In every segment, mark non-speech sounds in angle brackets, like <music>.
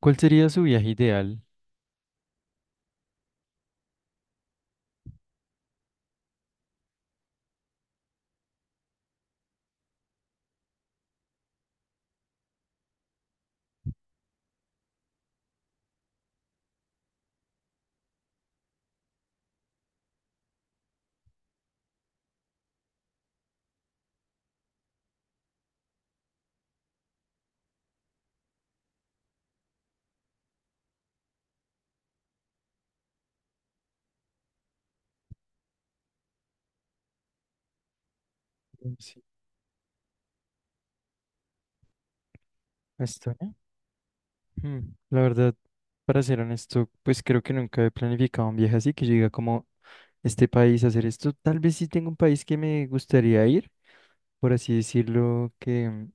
¿Cuál sería su viaje ideal? Sí. ¿A Estonia? Hmm, La verdad, para ser honesto, pues creo que nunca he planificado un viaje así, que yo diga como este país a hacer esto. Tal vez sí tengo un país que me gustaría ir, por así decirlo, que,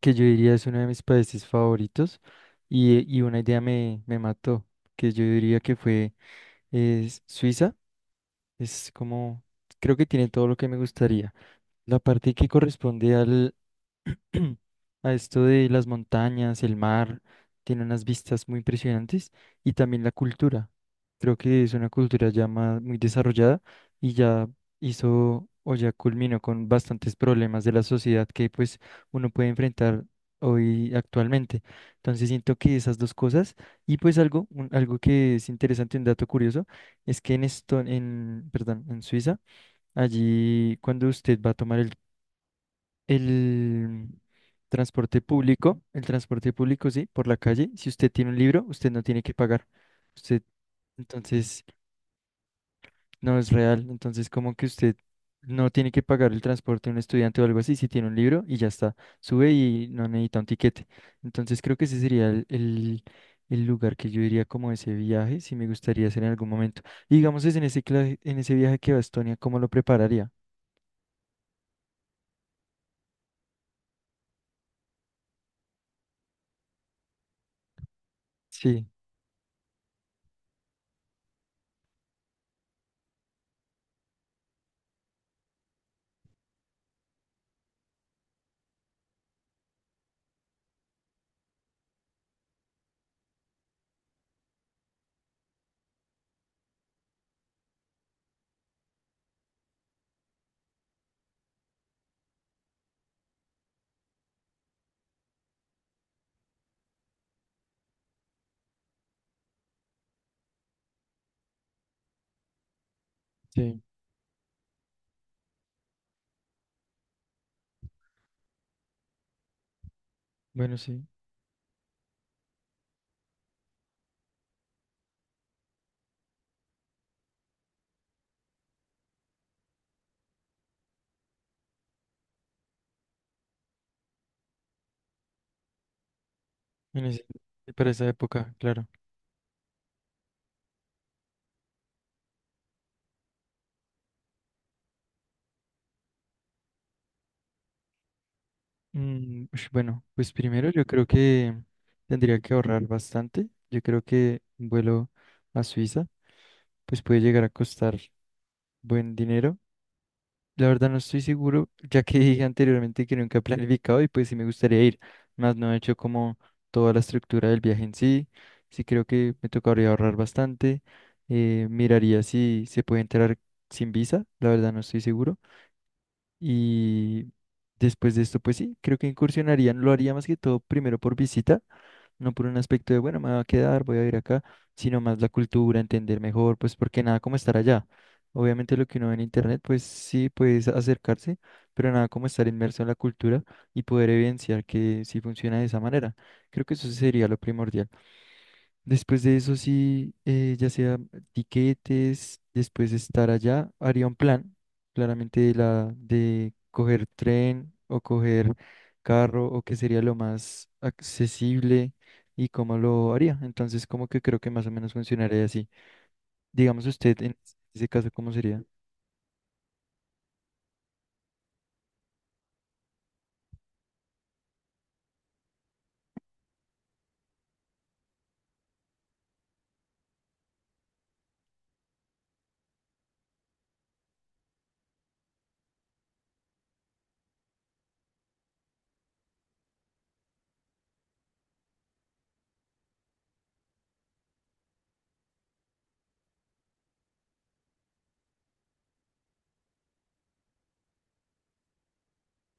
que yo diría es uno de mis países favoritos. Y una idea me mató, que yo diría que fue es Suiza. Es como, creo que tiene todo lo que me gustaría. La parte que corresponde <clears throat> a esto de las montañas, el mar, tiene unas vistas muy impresionantes y también la cultura. Creo que es una cultura ya muy desarrollada y ya hizo o ya culminó con bastantes problemas de la sociedad que pues uno puede enfrentar hoy actualmente. Entonces siento que esas dos cosas y pues algo, algo que es interesante, un dato curioso, es que perdón, en Suiza, allí cuando usted va a tomar el transporte público, el transporte público, sí, por la calle. Si usted tiene un libro, usted no tiene que pagar. Usted, entonces, no es real. Entonces, como que usted no tiene que pagar el transporte de un estudiante o algo así, si tiene un libro y ya está. Sube y no necesita un tiquete. Entonces, creo que ese sería el lugar que yo diría como ese viaje, si me gustaría hacer en algún momento. Y digamos, es en ese, cla- en ese viaje que va a Estonia, ¿cómo lo prepararía? Sí, sí. Bueno, sí. En ese- para esa época, claro. Ush, bueno, pues primero yo creo que tendría que ahorrar bastante. Yo creo que un vuelo a Suiza pues puede llegar a costar buen dinero. La verdad no estoy seguro, ya que <laughs> dije anteriormente que nunca he planificado y pues sí me gustaría ir, más no he hecho como toda la estructura del viaje en sí. Sí creo que me tocaría ahorrar bastante. Miraría si se puede entrar sin visa, la verdad no estoy seguro. Y después de esto, pues sí, creo que incursionarían, lo haría más que todo primero por visita, no por un aspecto de, bueno, me voy a quedar, voy a ir acá, sino más la cultura, entender mejor, pues porque nada como estar allá. Obviamente lo que uno ve en internet, pues sí, puedes acercarse, pero nada como estar inmerso en la cultura y poder evidenciar que sí funciona de esa manera. Creo que eso sería lo primordial. Después de eso, sí, ya sea tiquetes, después de estar allá, haría un plan, claramente de coger tren o coger carro o qué sería lo más accesible y cómo lo haría. Entonces, como que creo que más o menos funcionaría así. Digamos usted, en ese caso, ¿cómo sería?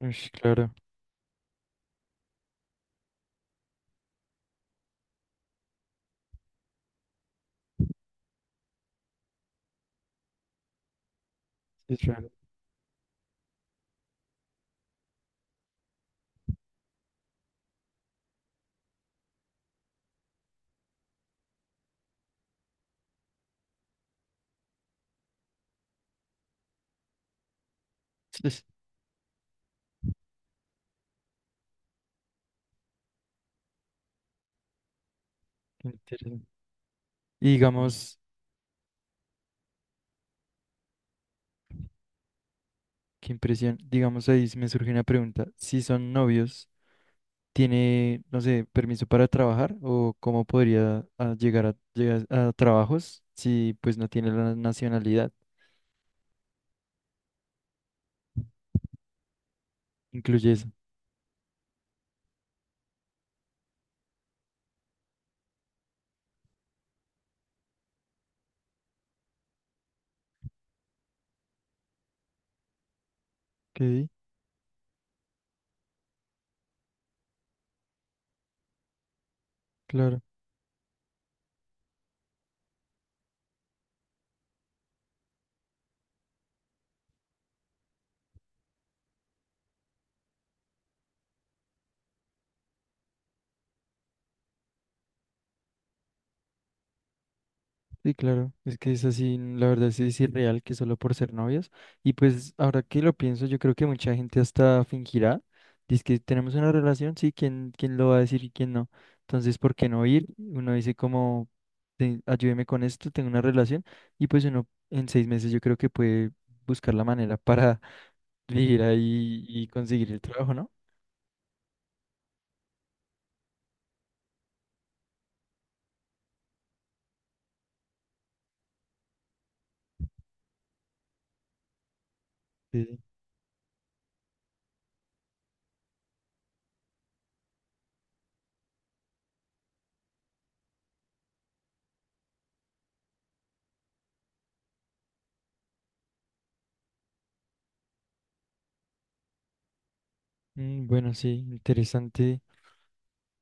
Ush, claro, es raro. <laughs> Es interesante. Y digamos, qué impresión, digamos ahí sí me surge una pregunta. Si son novios, tiene, no sé, permiso para trabajar o cómo podría llegar a trabajos si pues no tiene la nacionalidad. Incluye eso. Ok, claro. Sí, claro. Es que es así, la verdad sí es irreal que solo por ser novios. Y pues ahora que lo pienso, yo creo que mucha gente hasta fingirá. Dice que tenemos una relación, sí, ¿quién lo va a decir y quién no? Entonces, ¿por qué no ir? Uno dice como, Ayúdeme con esto, tengo una relación. Y pues uno en seis meses yo creo que puede buscar la manera para ir ahí y conseguir el trabajo, ¿no? Sí. Bueno, sí, interesante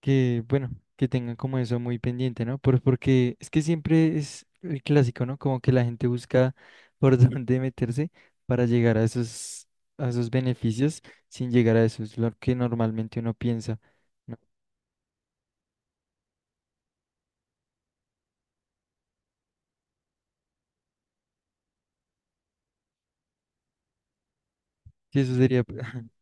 que, bueno, que tengan como eso muy pendiente, ¿no? Porque es que siempre es el clásico, ¿no? Como que la gente busca <laughs> por, ujú, dónde meterse para llegar a esos beneficios sin llegar a eso, es lo que normalmente uno piensa, ¿no? Que eso sería <laughs>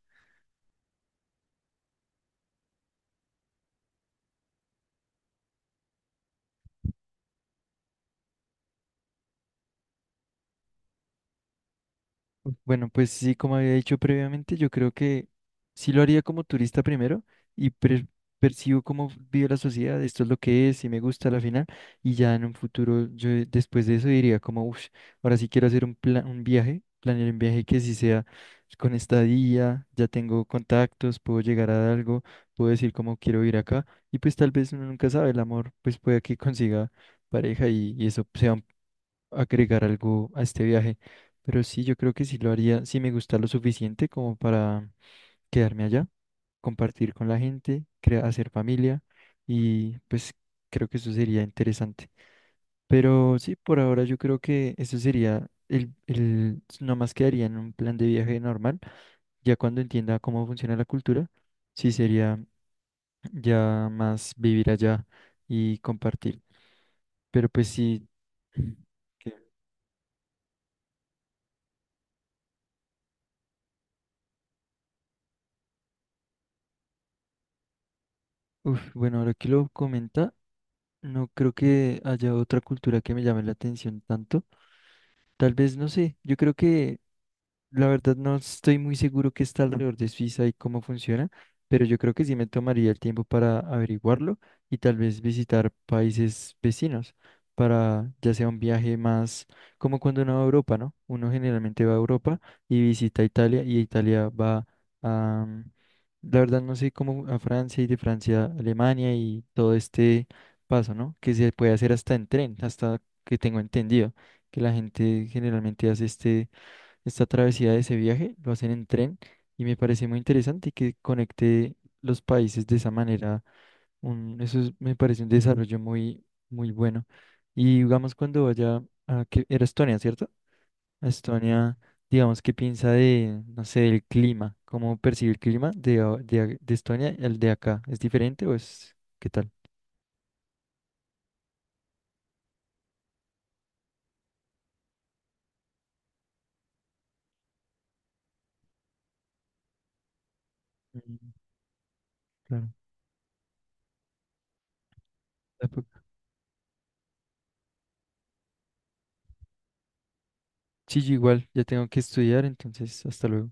Bueno, pues sí, como había dicho previamente, yo creo que sí lo haría como turista primero y percibo cómo vive la sociedad, esto es lo que es, si me gusta a la final, y ya en un futuro, yo después de eso diría como, uff, ahora sí quiero hacer un plan, un viaje, planear un viaje que sí sea con estadía, ya tengo contactos, puedo llegar a algo, puedo decir cómo quiero ir acá, y pues tal vez uno nunca sabe, el amor, pues puede que consiga pareja y eso sea agregar algo a este viaje. Pero sí, yo creo que sí lo haría, si me gusta lo suficiente como para quedarme allá, compartir con la gente, hacer familia y pues creo que eso sería interesante. Pero sí, por ahora yo creo que eso sería nomás quedaría en un plan de viaje normal. Ya cuando entienda cómo funciona la cultura, sí sería ya más vivir allá y compartir. Pero pues sí. que- Uf, bueno, ahora que lo comenta, no creo que haya otra cultura que me llame la atención tanto. Tal vez, no sé, yo creo que la verdad no estoy muy seguro qué está alrededor de Suiza y cómo funciona, pero yo creo que sí me tomaría el tiempo para averiguarlo y tal vez visitar países vecinos para ya sea un viaje más como cuando uno va a Europa, ¿no? Uno generalmente va a Europa y visita Italia y Italia va a la verdad no sé cómo a Francia y de Francia a Alemania y todo este paso, ¿no? Que se puede hacer hasta en tren, hasta que tengo entendido, que la gente generalmente hace esta travesía de ese viaje, lo hacen en tren y me parece muy interesante que conecte los países de esa manera. Me parece un desarrollo muy, muy bueno. Y digamos cuando vaya a que era Estonia, ¿cierto? Estonia, digamos, ¿qué piensa de, no sé, del clima? ¿Cómo percibe el clima de Estonia y el de acá? ¿Es diferente o es qué tal? Mm, claro. Tampoco- Sí, yo igual, ya tengo que estudiar, entonces, hasta luego.